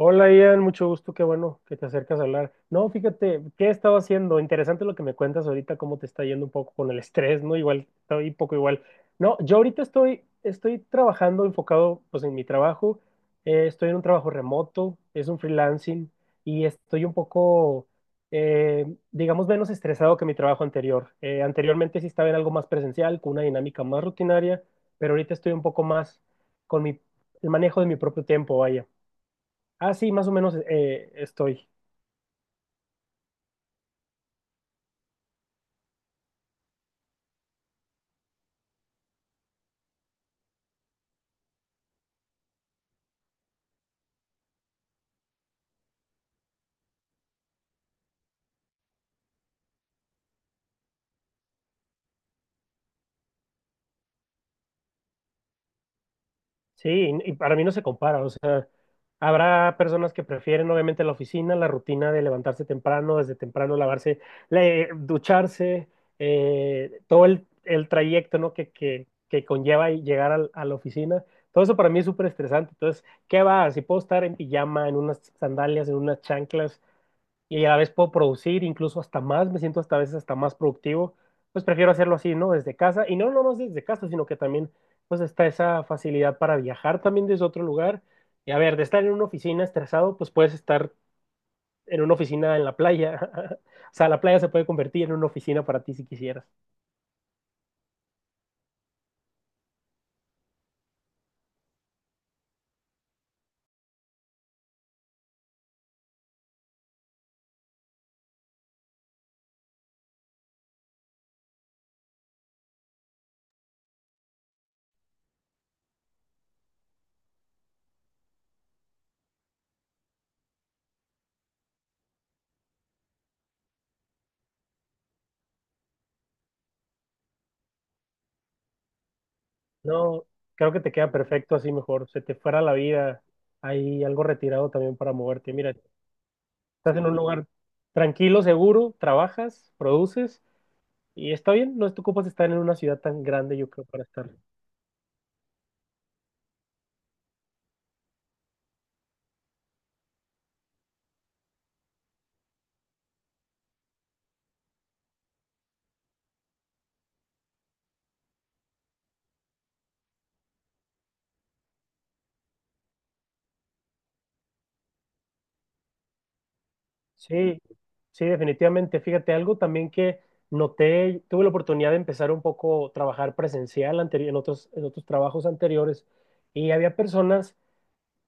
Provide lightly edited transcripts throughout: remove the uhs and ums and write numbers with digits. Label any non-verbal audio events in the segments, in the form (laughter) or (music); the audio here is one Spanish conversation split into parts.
Hola Ian, mucho gusto, qué bueno que te acercas a hablar. No, fíjate, ¿qué he estado haciendo? Interesante lo que me cuentas ahorita, cómo te está yendo un poco con el estrés, ¿no? Igual, estoy un poco igual. No, yo ahorita estoy trabajando enfocado pues en mi trabajo. Estoy en un trabajo remoto, es un freelancing y estoy un poco, eh, digamos, menos estresado que mi trabajo anterior. Anteriormente sí estaba en algo más presencial, con una dinámica más rutinaria, pero ahorita estoy un poco más con mi, el manejo de mi propio tiempo, vaya. Ah, sí, más o menos estoy. Sí, y para mí no se compara. O sea, habrá personas que prefieren obviamente la oficina, la rutina de levantarse temprano, desde temprano lavarse, ducharse, todo el trayecto, ¿no? que conlleva y llegar a la oficina. Todo eso para mí es súper estresante. Entonces, ¿qué va? Si puedo estar en pijama, en unas sandalias, en unas chanclas, y a la vez puedo producir incluso hasta más, me siento hasta a veces hasta más productivo, pues prefiero hacerlo así, ¿no? Desde casa, y no nomás desde casa, sino que también pues está esa facilidad para viajar también desde otro lugar. Y a ver, de estar en una oficina estresado, pues puedes estar en una oficina en la playa. (laughs) O sea, la playa se puede convertir en una oficina para ti si quisieras. No, creo que te queda perfecto así mejor. Se te fuera la vida, hay algo retirado también para moverte. Mira, estás en un lugar tranquilo, seguro, trabajas, produces. Y está bien, no te ocupas estar en una ciudad tan grande, yo creo, para estar. Sí, sí, definitivamente. Fíjate, algo también que noté, tuve la oportunidad de empezar un poco a trabajar presencial en otros trabajos anteriores y había personas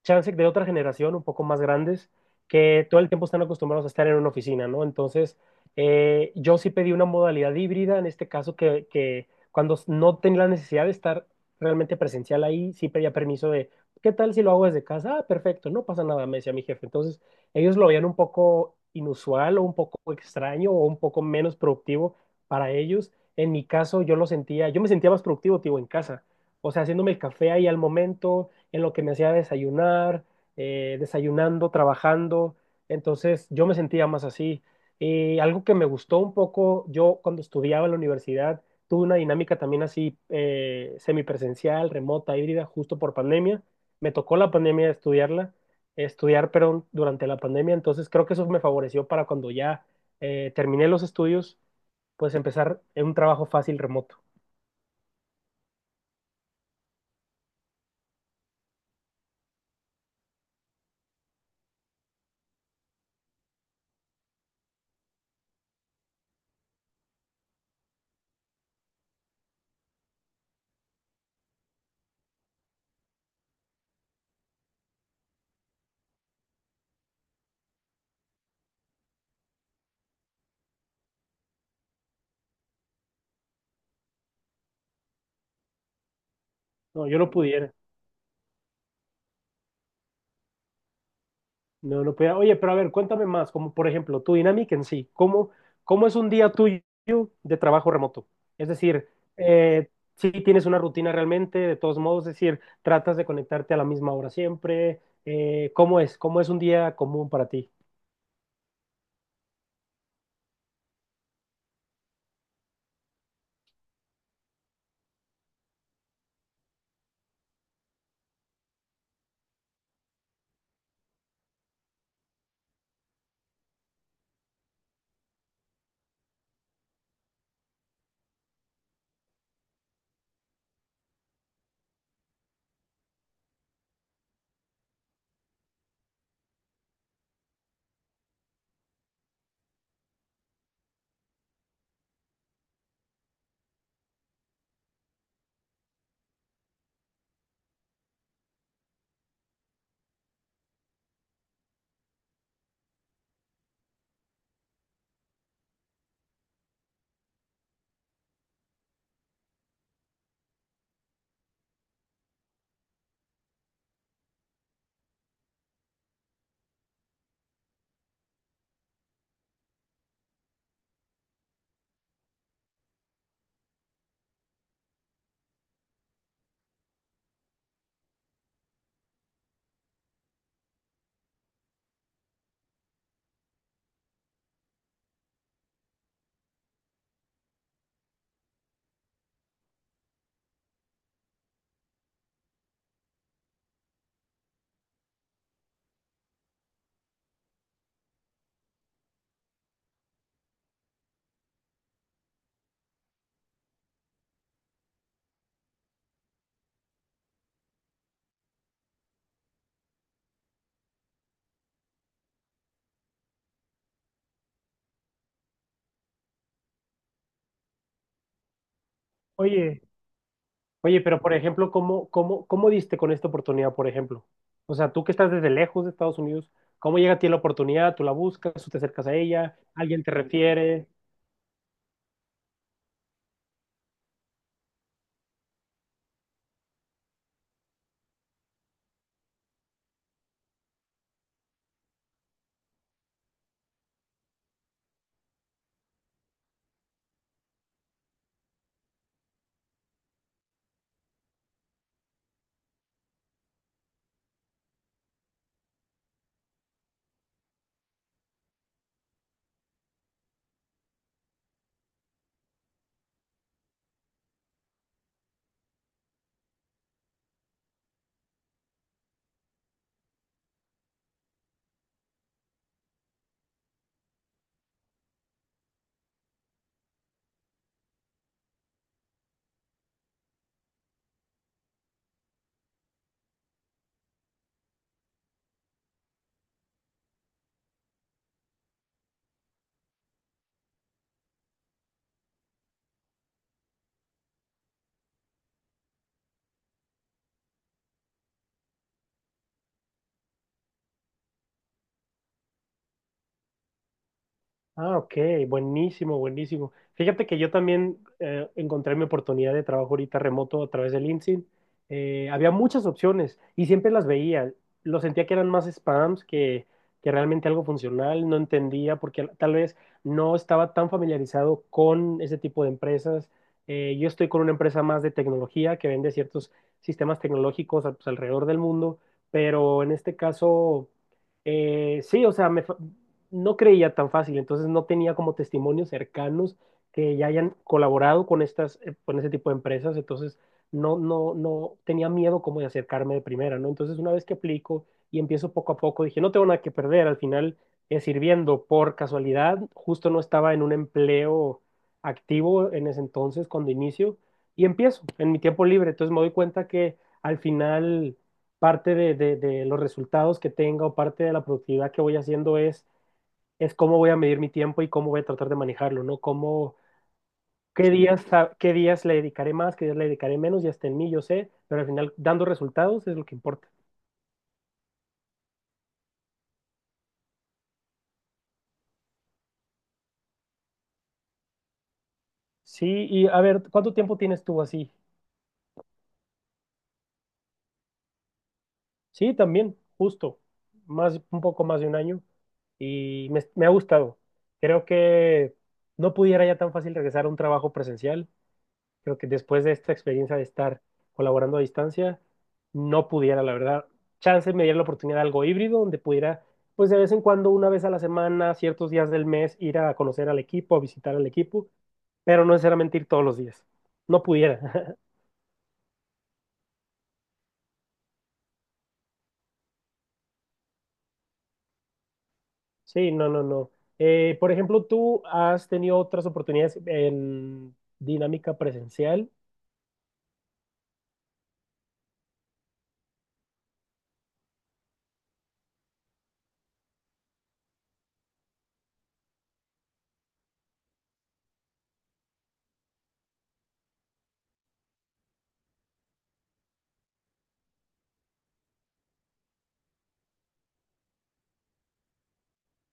chance de otra generación, un poco más grandes, que todo el tiempo están acostumbrados a estar en una oficina, ¿no? Entonces, yo sí pedí una modalidad híbrida, en este caso que cuando no tenía la necesidad de estar realmente presencial ahí, sí pedía permiso de, ¿qué tal si lo hago desde casa? Ah, perfecto, no pasa nada, me decía mi jefe. Entonces, ellos lo veían un poco inusual o un poco extraño o un poco menos productivo para ellos. En mi caso, yo lo sentía, yo me sentía más productivo, tío, en casa. O sea, haciéndome el café ahí al momento, en lo que me hacía desayunar, desayunando, trabajando. Entonces yo me sentía más así. Y algo que me gustó un poco, yo cuando estudiaba en la universidad, tuve una dinámica también así semipresencial, remota, híbrida, justo por pandemia. Me tocó la pandemia estudiarla, estudiar, pero durante la pandemia. Entonces creo que eso me favoreció para cuando ya terminé los estudios, pues empezar en un trabajo fácil remoto. No, yo no pudiera. No, no podía. Oye, pero a ver, cuéntame más, como por ejemplo, tu dinámica en sí, ¿cómo es un día tuyo de trabajo remoto? Es decir, eh, si tienes una rutina realmente, de todos modos, es decir, tratas de conectarte a la misma hora siempre, ¿cómo es? ¿Cómo es un día común para ti? Oye, Oye, pero por ejemplo, ¿cómo diste con esta oportunidad, por ejemplo? O sea, tú que estás desde lejos de Estados Unidos, ¿cómo llega a ti la oportunidad? ¿Tú la buscas? ¿Tú te acercas a ella? ¿Alguien te refiere? Ah, ok, buenísimo, buenísimo. Fíjate que yo también encontré mi oportunidad de trabajo ahorita remoto a través del LinkedIn. Había muchas opciones y siempre las veía. Lo sentía que eran más spams que realmente algo funcional. No entendía porque tal vez no estaba tan familiarizado con ese tipo de empresas. Yo estoy con una empresa más de tecnología que vende ciertos sistemas tecnológicos ah, pues, alrededor del mundo, pero en este caso... Sí, o sea, no creía tan fácil, entonces no tenía como testimonios cercanos que ya hayan colaborado con con ese tipo de empresas, entonces no tenía miedo como de acercarme de primera, ¿no? Entonces una vez que aplico y empiezo poco a poco, dije, no tengo nada que perder, al final sirviendo por casualidad, justo no estaba en un empleo activo en ese entonces cuando inicio y empiezo en mi tiempo libre, entonces me doy cuenta que al final parte de los resultados que tenga o parte de la productividad que voy haciendo es cómo voy a medir mi tiempo y cómo voy a tratar de manejarlo, ¿no? Qué días, qué días le dedicaré más, qué días le dedicaré menos, ya está en mí, yo sé, pero al final dando resultados es lo que importa. Sí, y a ver, ¿cuánto tiempo tienes tú así? Sí, también, justo, un poco más de un año y me ha gustado. Creo que no pudiera ya tan fácil regresar a un trabajo presencial. Creo que después de esta experiencia de estar colaborando a distancia, no pudiera, la verdad. Chance me diera la oportunidad de algo híbrido donde pudiera, pues de vez en cuando, una vez a la semana, ciertos días del mes, ir a conocer al equipo, a visitar al equipo, pero no necesariamente ir todos los días. No pudiera. (laughs) Sí, no, no, no. Por ejemplo, ¿tú has tenido otras oportunidades en dinámica presencial?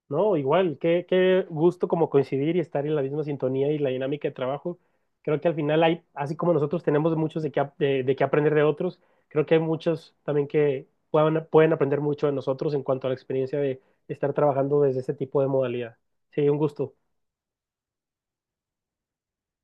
No, igual, qué gusto como coincidir y estar en la misma sintonía y la dinámica de trabajo. Creo que al final hay, así como nosotros tenemos muchos de qué aprender de otros, creo que hay muchos también que pueden aprender mucho de nosotros en cuanto a la experiencia de estar trabajando desde este tipo de modalidad. Sí, un gusto.